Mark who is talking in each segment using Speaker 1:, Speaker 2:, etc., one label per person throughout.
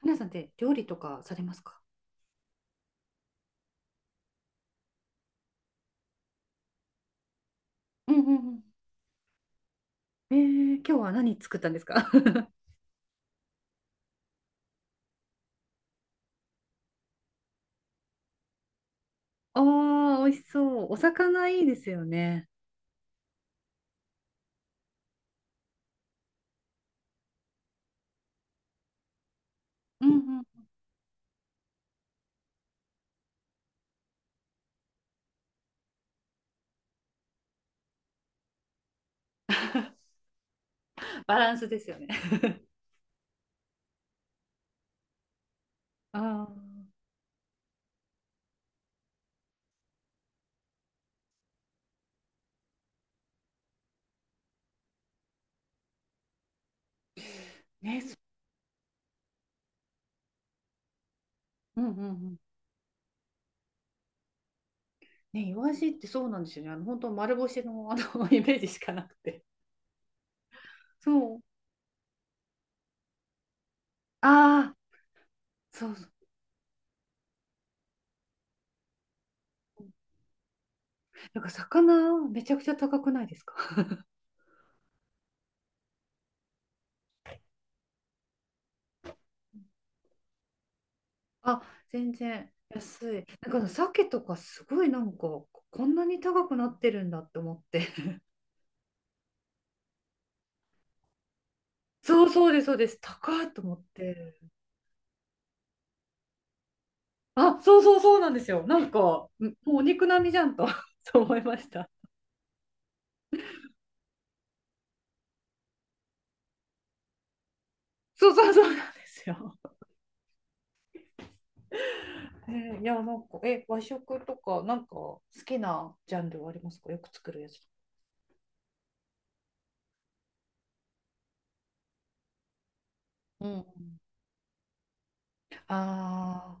Speaker 1: 花さんって料理とかされますか？うんうんうん。今日は何作ったんですか？ ああ美味しそう。お魚いいですよね。うんうん。バランスですよね。ああ、ね、そうんうんうん。ね、イワシってそうなんですよね。本当丸干しのイメージしかなくて。そう。ああ、そうそう。なんか魚めちゃくちゃ高くないですか？ あ、全然。安い。なんかあの鮭とかすごいなんかこんなに高くなってるんだって思って。そうそうです、そうです。高いと思って。あ、そうそうそうなんですよ。なんか、んもうお肉並みじゃんと そう思いました。そうそうそうなんですよ。えいや、なんか、和食とか、なんか好きなジャンルはありますか？よく作るやつ。うん。ああ、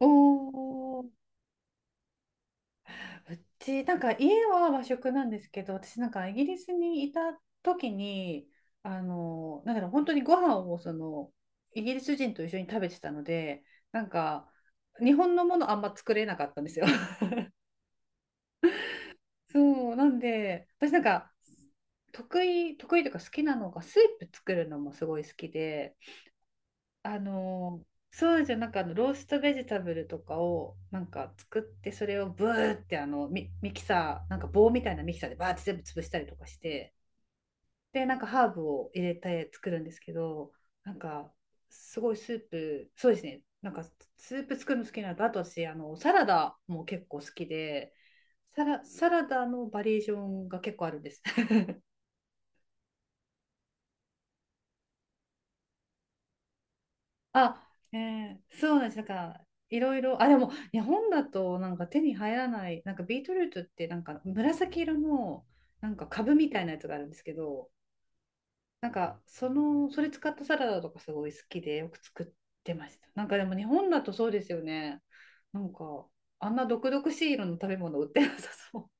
Speaker 1: おお。うち、なんか家は和食なんですけど、私なんかイギリスにいた時に、あの、なんだろう、本当にご飯をその、イギリス人と一緒に食べてたので、なんか、日本のものあんま作れなかったんですよ。そう、なんで、私なんか、得意というか好きなのが、スープ作るのもすごい好きで、あのそうじゃなんかあのローストベジタブルとかをなんか作ってそれをブーってあのミキサーなんか棒みたいなミキサーでバーって全部潰したりとかして、でなんかハーブを入れて作るんですけど、なんかすごいスープそうですね。なんかスープ作るの好きなのと、あと私あのサラダも結構好きで、サラダのバリエーションが結構あるんです。 あ、そうなんです。だから、いろいろ、あ、でも、日本だと、なんか手に入らない、なんかビートルートって、なんか紫色の、なんか株みたいなやつがあるんですけど、なんか、その、それ使ったサラダとかすごい好きで、よく作ってました。なんかでも、日本だとそうですよね。なんか、あんな毒々しい色の食べ物売ってなさそう。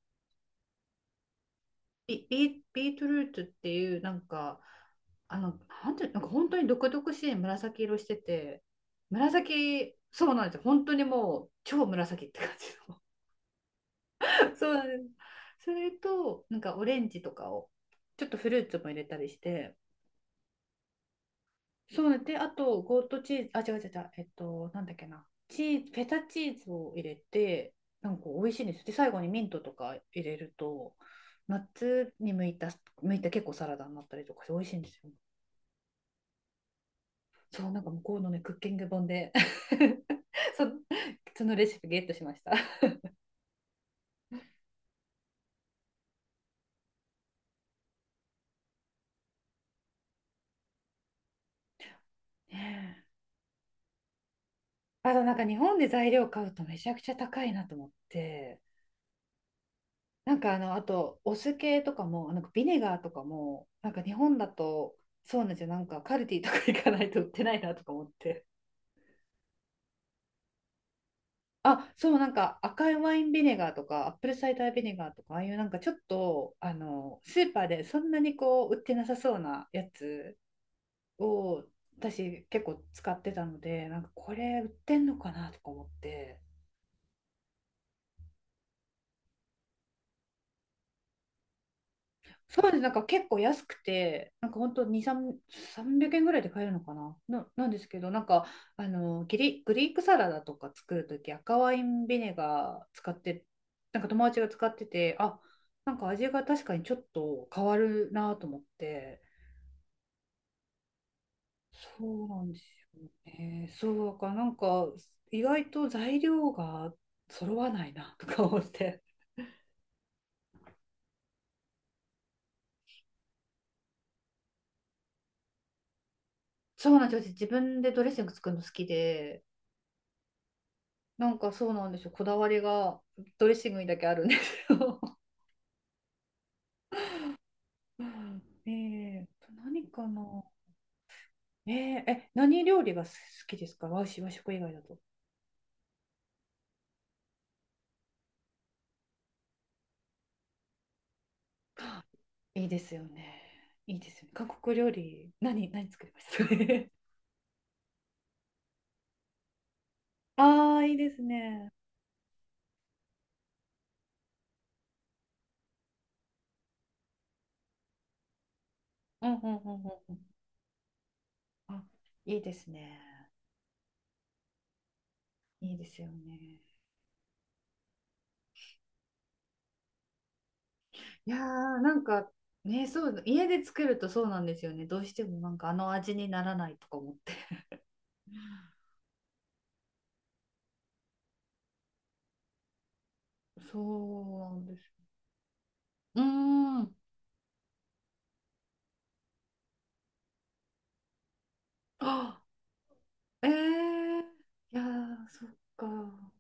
Speaker 1: ビートルートっていう、なんか、あの、なんてなんか本当に毒々しい紫色してて、紫、そうなんですよ。本当にもう超紫って感じの。そうなんです。それと、なんかオレンジとかを、ちょっとフルーツも入れたりして、そうなんで、あと、ゴートチーズ、あ、違う違う違う、なんだっけな、チーズ、フェタチーズを入れて、なんか美味しいんですよ。で、最後にミントとか入れると、夏に向いた、結構サラダになったりとかして美味しいんですよ。そう、なんか向こうのね、クッキング本で そ、そのレシピゲットしました。あとなんか日本で材料買うとめちゃくちゃ高いなと思って、なんかあの、あとお酢系とかも、なんかビネガーとかも、なんか日本だと、そうなんですよ、なんかカルディとか行かないと売ってないなとか思って。あ、そう、なんか赤いワインビネガーとか、アップルサイダービネガーとか、ああいうなんかちょっと、あの、スーパーでそんなにこう、売ってなさそうなやつを私結構使ってたので、なんかこれ売ってんのかなとか思って、そうですなんか結構安くて、なんかほんと2,300円ぐらいで買えるのかなななんですけど、なんかあのギリグリークサラダとか作るとき赤ワインビネガー使って、なんか友達が使ってて、あ、なんか味が確かにちょっと変わるなと思って、そうなんですよね。そうだからなんか意外と材料が揃わないなとか思って。そうなんですよ。私自分でドレッシング作るの好きで、なんかそうなんですよ。こだわりがドレッシングにだけあるんですよ。何かな。えええ、何料理が好きですか？和食、和食以外だと。いいですよね。いいですよね。韓国料理、何作りましたかね。ああ、いいですね。うんうんうんうんうん。あ、いいですね。いいですよね。いやー、なんかね、そう、家で作るとそうなんですよね。どうしてもなんかあの味にならないとか思って。そうなんです。うーん。あ、いやー、そっか。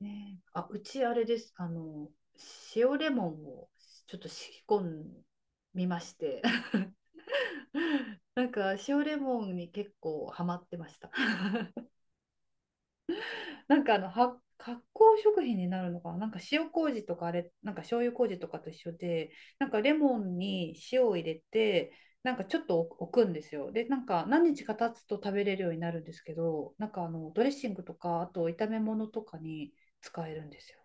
Speaker 1: ねえ、あ、うちあれです。あの、塩レモンをちょっと仕込んみまして。なんか塩レモンに結構ハマってました。なんかあのは発酵食品になるのかな、なんか塩麹とかあれ、なんか醤油麹とかと一緒で、なんかレモンに塩を入れて、なんかちょっと置くんですよ。で、なんか何日か経つと食べれるようになるんですけど、なんかあのドレッシングとか、あと炒め物とかに使えるんですよ。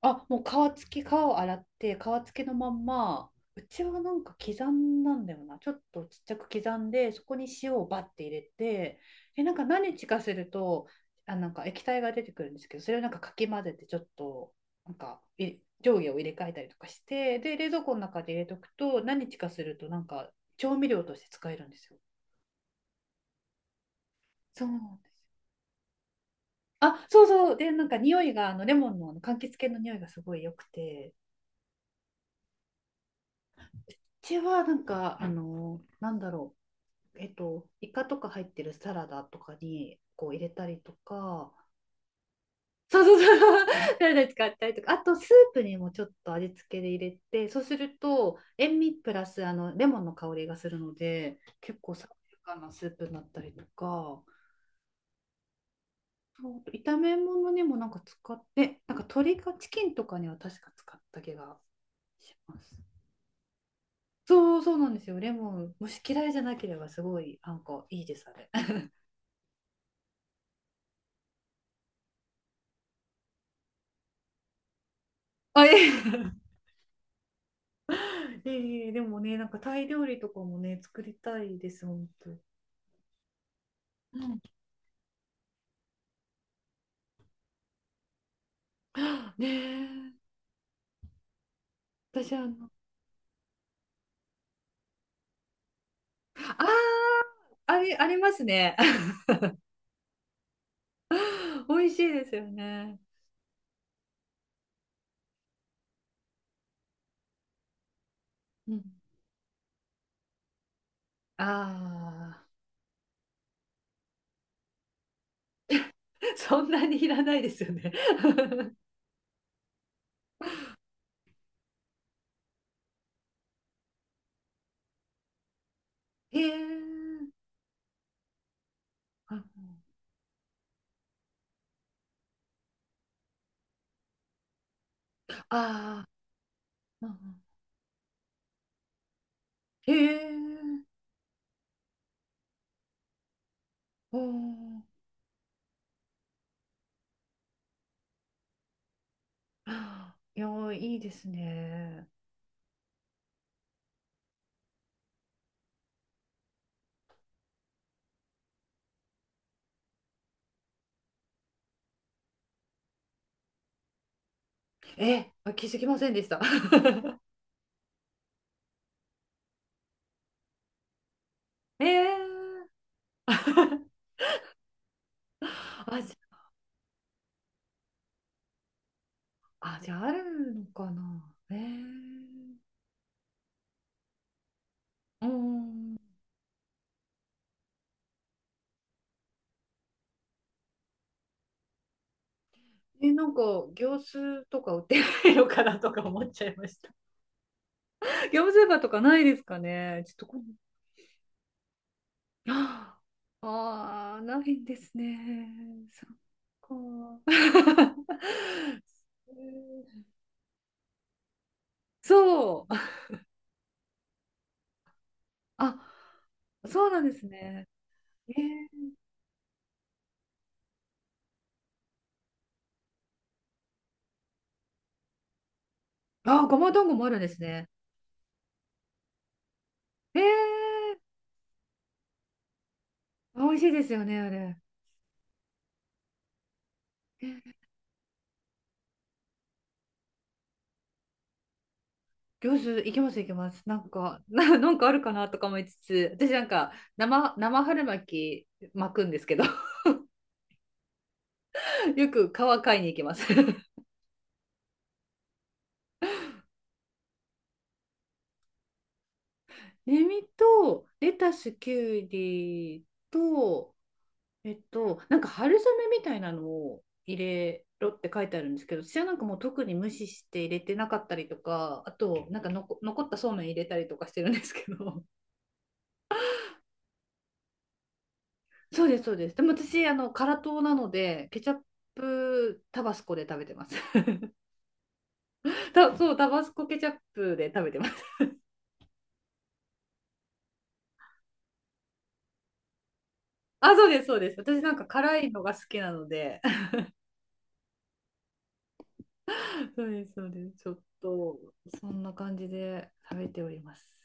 Speaker 1: あ、もう皮付き、皮を洗って、皮付きのまんま、うちはなんか刻んだんだよな。ちょっとちっちゃく刻んで、そこに塩をバッて入れて、え、なんか何日かすると、あ、なんか液体が出てくるんですけど、それをなんかかき混ぜて、ちょっと、なんかい、上下を入れ替えたりとかして、で、冷蔵庫の中で入れとくと、何日かすると、なんか調味料として使えるんですよ。そうなんです。あ、そうそう。で、なんか匂いが、あの、レモンのあの柑橘系の匂いがすごい良くて、ちはなんか、あの、なんだろう、イカとか入ってるサラダとかにこう入れたりとか、そうそうそう、サラダ使ったりとか、あとスープにもちょっと味付けで入れて、そうすると塩味プラスあのレモンの香りがするので、結構爽やかなスープになったりとか、そうあと炒め物にもなんか使って、なんか鶏かチキンとかには確か使った気がします。そうそうなんですよ。レモン、もし嫌いじゃなければすごいなんかいいです、あれ。あ、ええ ええでもね、なんかタイ料理とかもね、作りたいです、本当。うん、ねえ、私あの、ああ、ありますね。美味しいですよね。うん、ああ、そんなにいらないですよね。へえ、ああーうんうんへえ、おーいやー、いいですね。え、あ気づきませんでした。ええ あ、じゃあ、あるのかな。うん。え、なんか、業スーとか売ってないのかなとか思っちゃいました。業務スーパーとかないですかね。ちょっとこ、ああー、ないんですね。そっか。そう。あ、そうなんですね。えー、あ、ごま団子もあるんですね。えー、美味しいですよね、あれ。行子いけますいけます。なんか、なんかあるかなとか思いつつ、私なんか生春巻き巻くんですけど、よく皮買いに行きます。ネミとレタス、キュウリと、なんか春雨みたいなのを入れろって書いてあるんですけど、私はなんかもう特に無視して入れてなかったりとか、あと、なんかのこ残ったそうめん入れたりとかしてるんですけど、そうです、そうです。でも私、あの、辛党なので、ケチャップタバスコで食べてます。そう、タバスコケチャップで食べてます。あ、そうです、そうです。私なんか辛いのが好きなので、そうです、そうです。ちょっと、そんな感じで食べております。